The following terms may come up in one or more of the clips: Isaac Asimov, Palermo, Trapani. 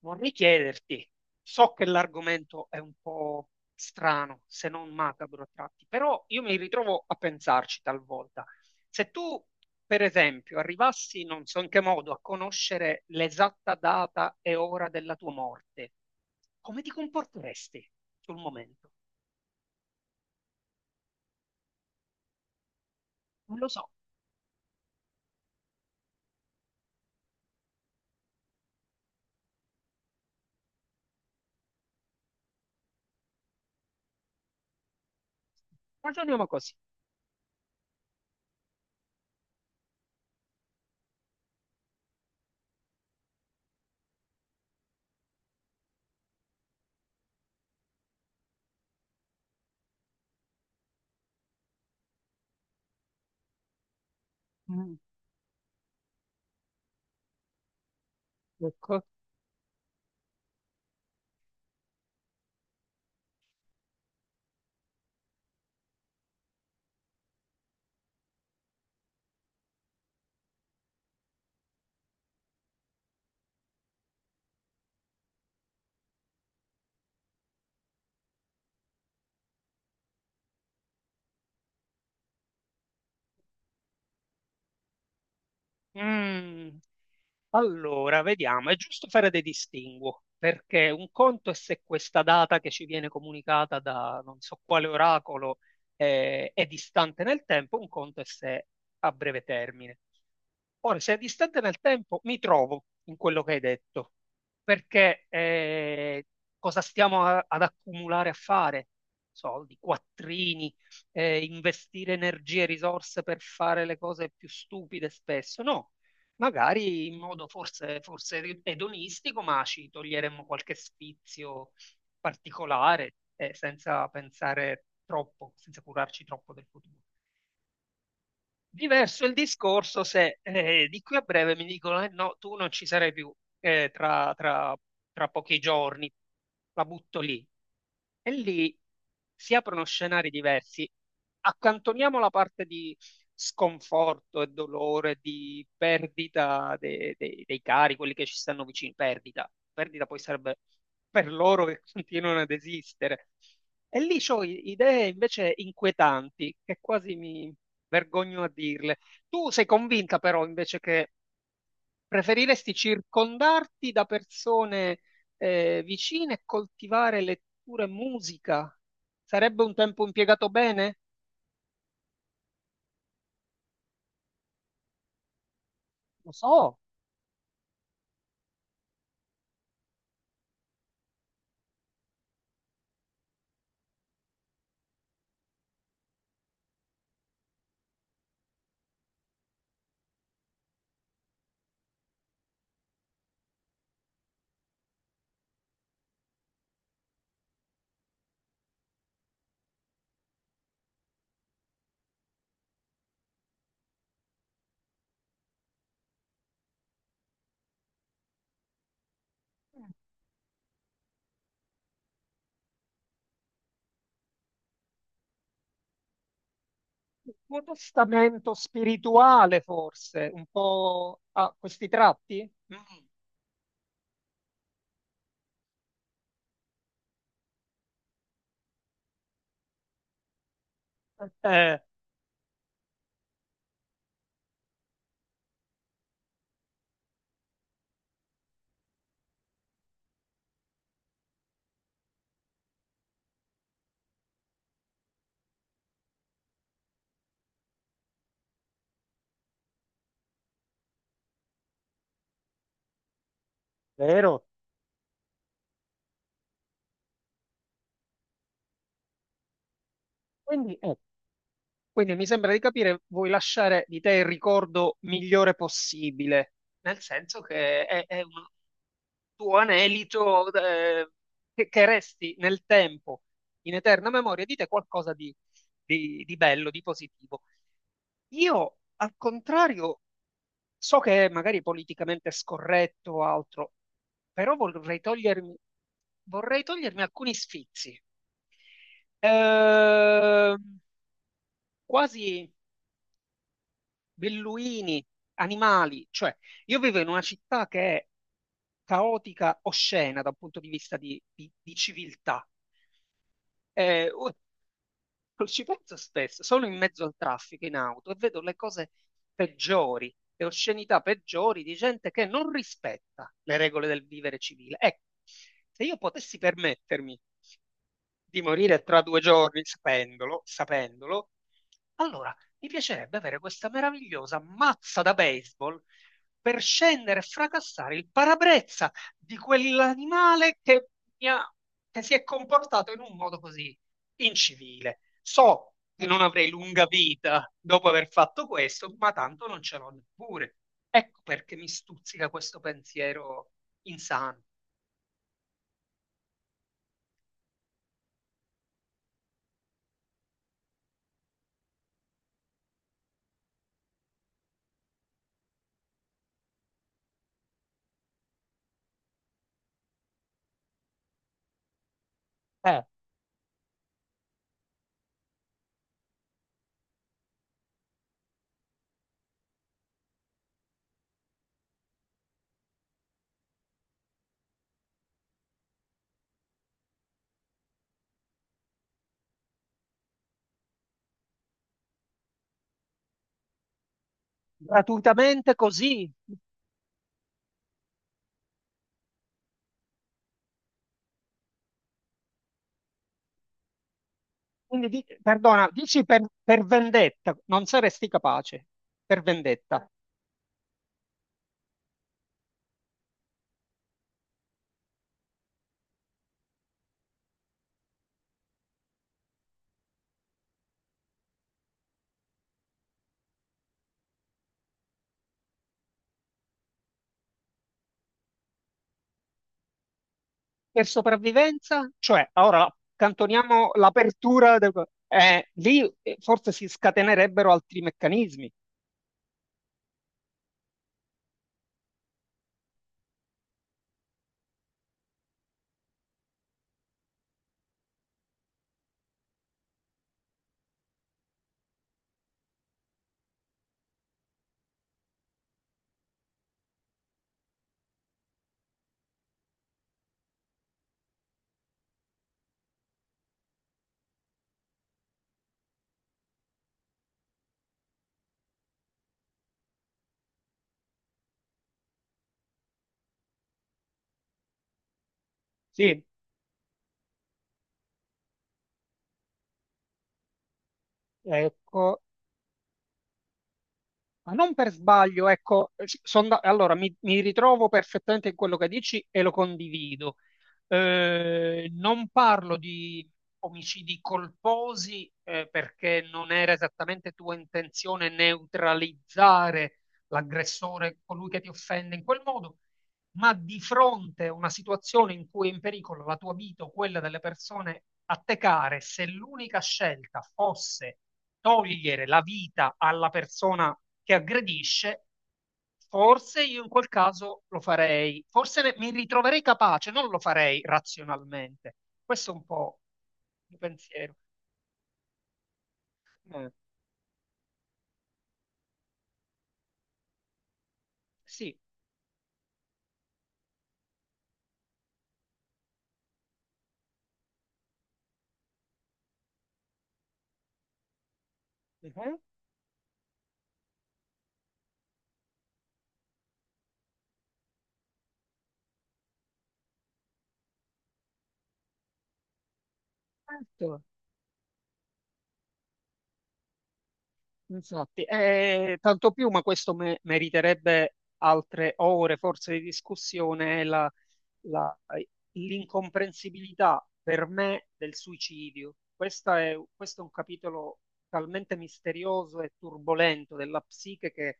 Vorrei chiederti, so che l'argomento è un po' strano, se non macabro a tratti, però io mi ritrovo a pensarci talvolta. Se tu, per esempio, arrivassi, non so in che modo, a conoscere l'esatta data e ora della tua morte, come ti comporteresti sul momento? Non lo so. Ragioniamo così. Mm, ecco. Mm. Allora, vediamo, è giusto fare dei distinguo, perché un conto è se questa data che ci viene comunicata da non so quale oracolo è distante nel tempo, un conto è se è a breve termine. Ora, se è distante nel tempo, mi trovo in quello che hai detto, perché cosa stiamo ad accumulare a fare? Soldi, quattrini, investire energie e risorse per fare le cose più stupide spesso? No, magari in modo forse edonistico, ma ci toglieremmo qualche sfizio particolare, senza pensare troppo, senza curarci troppo del futuro. Diverso il discorso se di qui a breve mi dicono, no, tu non ci sarai più eh, tra, tra- tra pochi giorni, la butto lì. E lì si aprono scenari diversi. Accantoniamo la parte di sconforto e dolore, di perdita dei cari, quelli che ci stanno vicini, perdita. Perdita poi sarebbe per loro che continuano ad esistere. E lì ho idee invece inquietanti, che quasi mi vergogno a dirle. Tu sei convinta però invece che preferiresti circondarti da persone vicine e coltivare lettura e musica? Sarebbe un tempo impiegato bene? Lo so. Un tuo testamento spirituale forse, un po' a questi tratti? Mm. Eh, vero. Quindi ecco, quindi mi sembra di capire, vuoi lasciare di te il ricordo migliore possibile, nel senso che è un tuo anelito che resti nel tempo, in eterna memoria di te qualcosa di, di bello, di positivo. Io, al contrario, so che è magari politicamente scorretto o altro, però vorrei togliermi alcuni sfizi. Ehm, quasi. Belluini, animali, cioè io vivo in una città che è caotica, oscena da un punto di vista di, di civiltà. Eh, ci penso spesso, sono in mezzo al traffico in auto e vedo le cose peggiori, le oscenità peggiori di gente che non rispetta le regole del vivere civile. Ecco, se io potessi permettermi di morire tra 2 giorni sapendolo, sapendolo, allora mi piacerebbe avere questa meravigliosa mazza da baseball per scendere e fracassare il parabrezza di quell'animale che, mi ha- che si è comportato in un modo così incivile. So che non avrei lunga vita dopo aver fatto questo, ma tanto non ce l'ho neppure. Ecco perché mi stuzzica questo pensiero insano. Eh, gratuitamente così. Quindi, perdona, dici per vendetta, non saresti capace, per vendetta, per sopravvivenza, cioè, ora accantoniamo l'apertura, lì forse si scatenerebbero altri meccanismi, sì, ecco, ma non per sbaglio, ecco, sì, allora mi ritrovo perfettamente in quello che dici e lo condivido. Non parlo di omicidi colposi, perché non era esattamente tua intenzione neutralizzare l'aggressore, colui che ti offende in quel modo, ma di fronte a una situazione in cui è in pericolo la tua vita o quella delle persone a te care, se l'unica scelta fosse togliere la vita alla persona che aggredisce, forse io in quel caso lo farei, forse mi ritroverei capace, non lo farei razionalmente. Questo è un po' il pensiero. Eh, sì. Mhm. Certo. Infatti, tanto più, ma questo meriterebbe altre ore forse di discussione, è la- l'incomprensibilità per me del suicidio. Questo è un capitolo talmente misterioso e turbolento della psiche che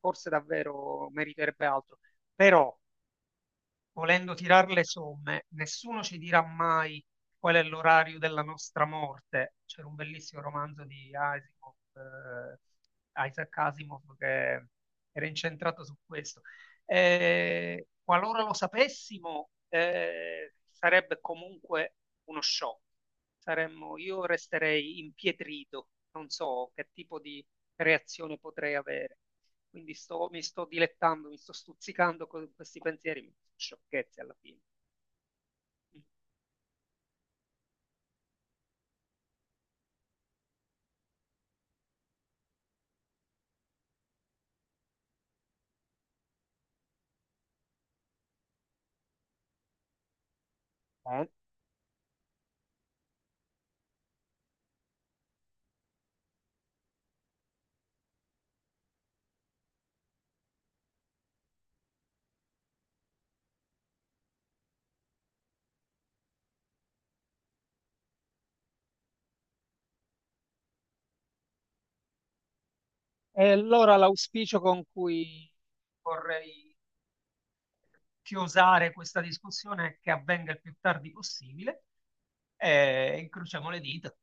forse davvero meriterebbe altro. Però volendo tirar le somme, nessuno ci dirà mai qual è l'orario della nostra morte. C'era un bellissimo romanzo di Asimov, Isaac Asimov che era incentrato su questo. Qualora lo sapessimo, sarebbe comunque uno shock. Io resterei impietrito, non so che tipo di reazione potrei avere. Quindi mi sto dilettando, mi sto stuzzicando con questi pensieri, sciocchezze alla fine. Eh? E allora l'auspicio con cui vorrei chiosare questa discussione è che avvenga il più tardi possibile e incrociamo le dita.